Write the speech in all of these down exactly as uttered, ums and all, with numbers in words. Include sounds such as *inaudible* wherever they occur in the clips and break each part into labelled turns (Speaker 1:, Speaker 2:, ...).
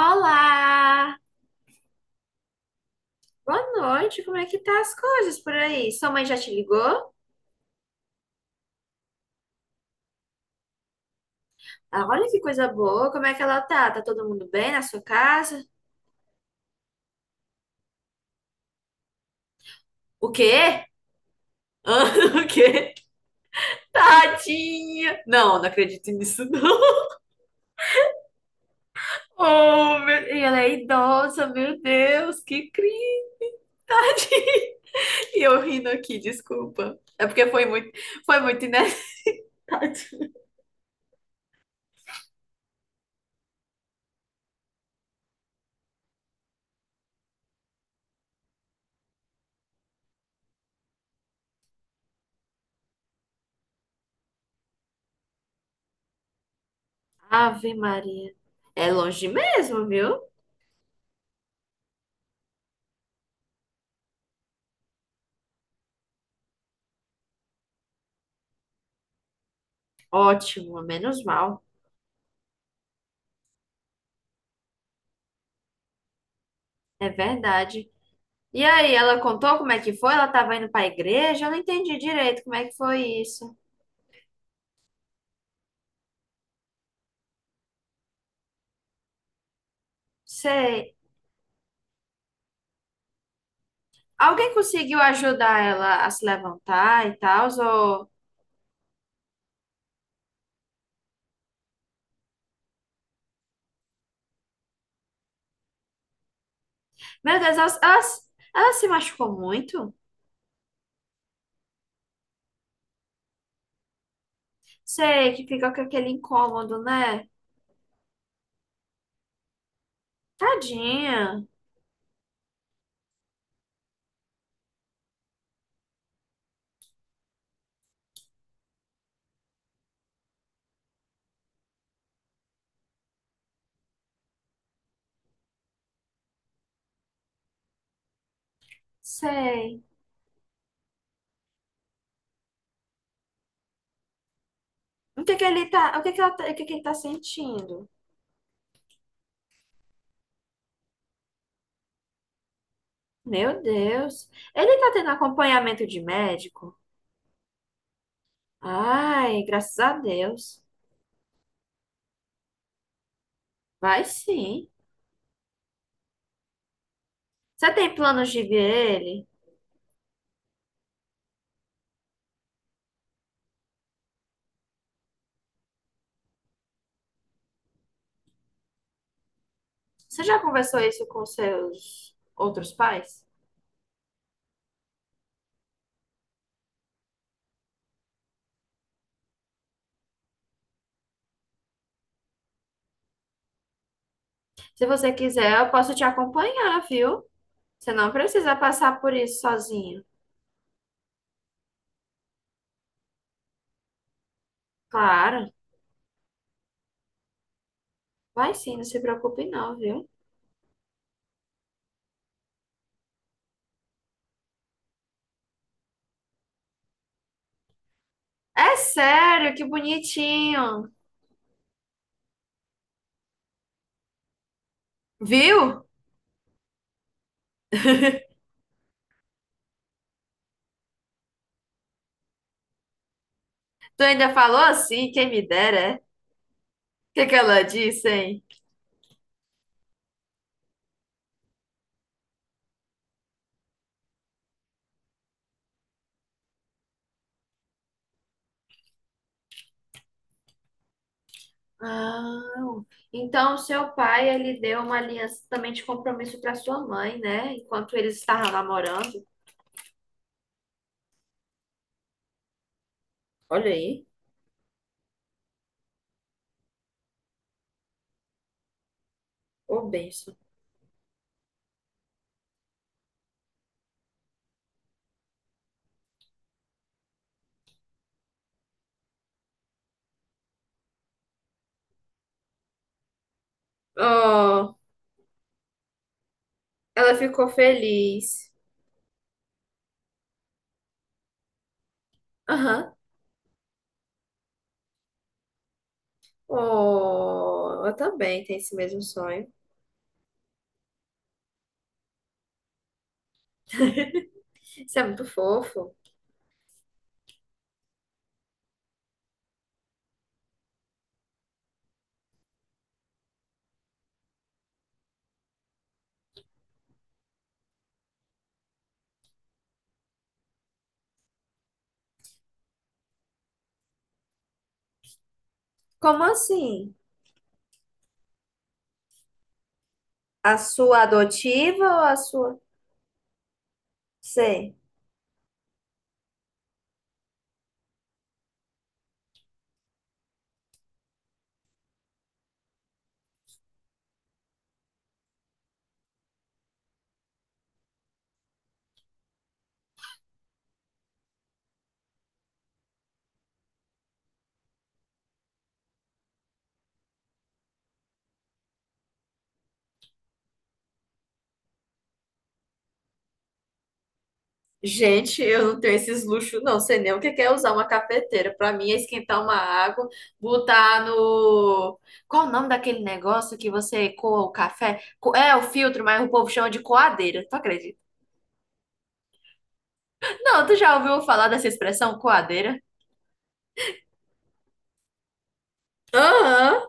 Speaker 1: Olá! Boa noite, como é que tá as coisas por aí? Sua mãe já te ligou? Ah, olha que coisa boa, como é que ela tá? Tá todo mundo bem na sua casa? O quê? Ah, *laughs* o quê? Tadinha! Não, não acredito nisso, não. *laughs* Oh, meu... E ela é idosa, meu Deus, que cringe! *laughs* E eu rindo aqui, desculpa. É porque foi muito, foi muito inesperado. Ave Maria. É longe mesmo, viu? Ótimo, menos mal. É verdade. E aí, ela contou como é que foi? Ela estava indo para a igreja? Eu não entendi direito como é que foi isso. Sei. Alguém conseguiu ajudar ela a se levantar e tal? Ou... Meu Deus, ela, ela, ela se machucou muito? Sei, que fica com aquele incômodo, né? Tadinha. Sei. O que que ele tá, o que que ela, tá- O que que ele tá sentindo? Meu Deus. Ele tá tendo acompanhamento de médico? Ai, graças a Deus. Vai sim. Você tem planos de ver ele? Você já conversou isso com seus outros pais? Se você quiser, eu posso te acompanhar, viu? Você não precisa passar por isso sozinho. Claro, vai sim, não se preocupe não, viu? É sério, que bonitinho. Viu? Tu ainda falou assim, quem me dera, é? O que que ela disse, hein? Ah, então seu pai, ele deu uma aliança também de compromisso para sua mãe, né? Enquanto eles estavam namorando. Olha aí, ô bênção. Oh, ela ficou feliz. Aham. Oh, eu também tenho esse mesmo sonho. Isso é muito fofo. Como assim? A sua adotiva ou a sua? Sei. Gente, eu não tenho esses luxos, não. Sei nem o que que é usar uma cafeteira. Pra mim é esquentar uma água, botar no. Qual o nome daquele negócio que você coa o café? Co- É o filtro, mas o povo chama de coadeira. Tu acredita? Não, tu já ouviu falar dessa expressão coadeira? Aham.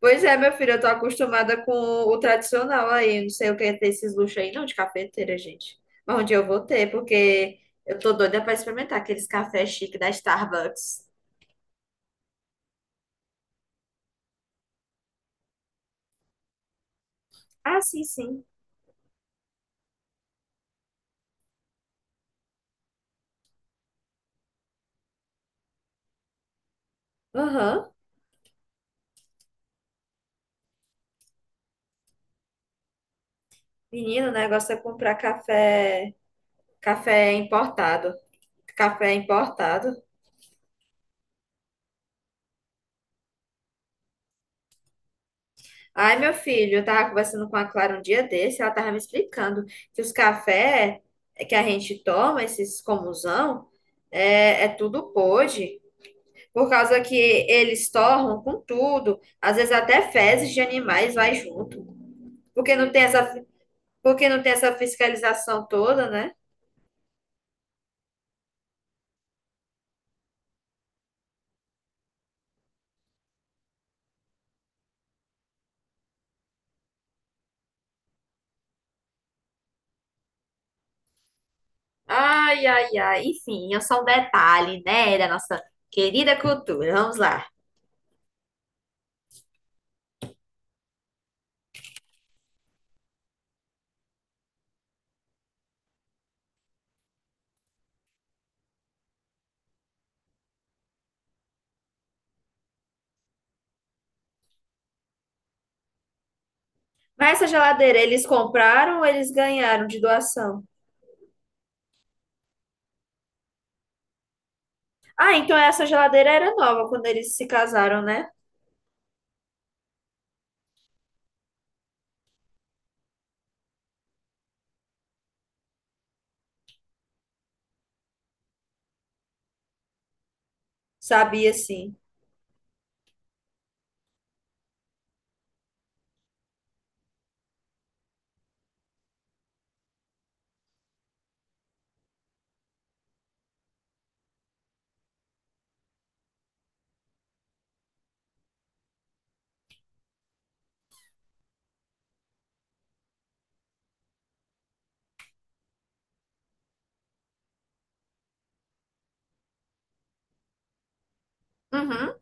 Speaker 1: Pois é, meu filho, eu tô acostumada com o tradicional aí. Eu Não sei o que é ter esses luxos aí, não, de cafeteira, gente. Mas onde eu vou ter, porque eu tô doida pra experimentar aqueles cafés chiques da Starbucks. Ah, sim, sim. Aham. Menino, o negócio é comprar café, café importado. Café importado. Ai, meu filho, eu tava conversando com a Clara um dia desse, ela tava me explicando que os cafés que a gente toma, esses comusão, é, é tudo pode. Por causa que eles torram com tudo, às vezes até fezes de animais vai junto, porque não tem essa, porque não tem essa fiscalização toda, né? Ai, ai, ai. Enfim, é só um detalhe, né, da nossa querida cultura. Vamos lá. Mas essa geladeira eles compraram ou eles ganharam de doação? Ah, então essa geladeira era nova quando eles se casaram, né? Sabia sim. Uhum,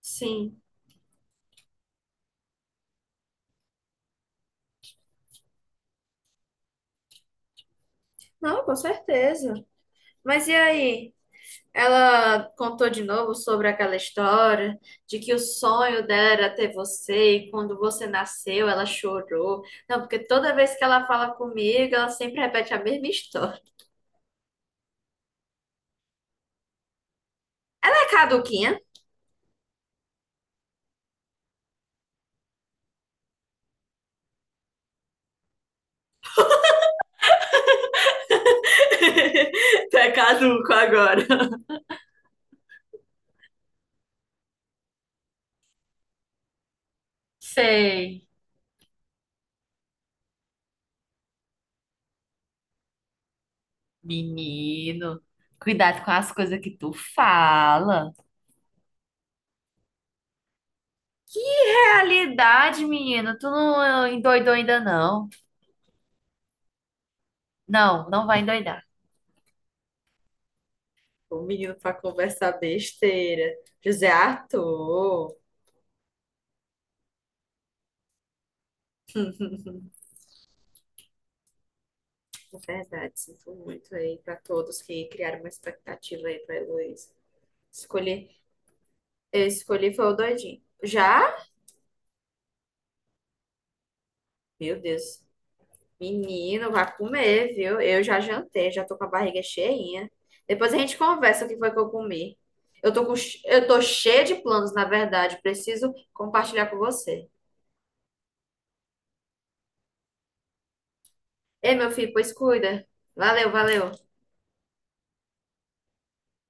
Speaker 1: sim. Não, com certeza. Mas e aí? Ela contou de novo sobre aquela história de que o sonho dela era ter você e quando você nasceu ela chorou. Não, porque toda vez que ela fala comigo, ela sempre repete a mesma história. Tá caduquinha? *laughs* Tá caduco agora. Sei. Menino, cuidado com as coisas que tu fala. Realidade, menino, tu não endoidou ainda não. Não, não vai endoidar. O menino pra conversar besteira. José Arthur. É verdade, sinto muito aí pra todos que criaram uma expectativa aí pra Heloísa. Escolhi, eu escolhi foi o doidinho. Já? Meu Deus. Menino, vai comer, viu? Eu já jantei, já tô com a barriga cheinha. Depois a gente conversa o que foi que eu comi. Eu tô com, che- eu tô cheia de planos, na verdade. Preciso compartilhar com você. Ei, meu filho, pois cuida. Valeu, valeu.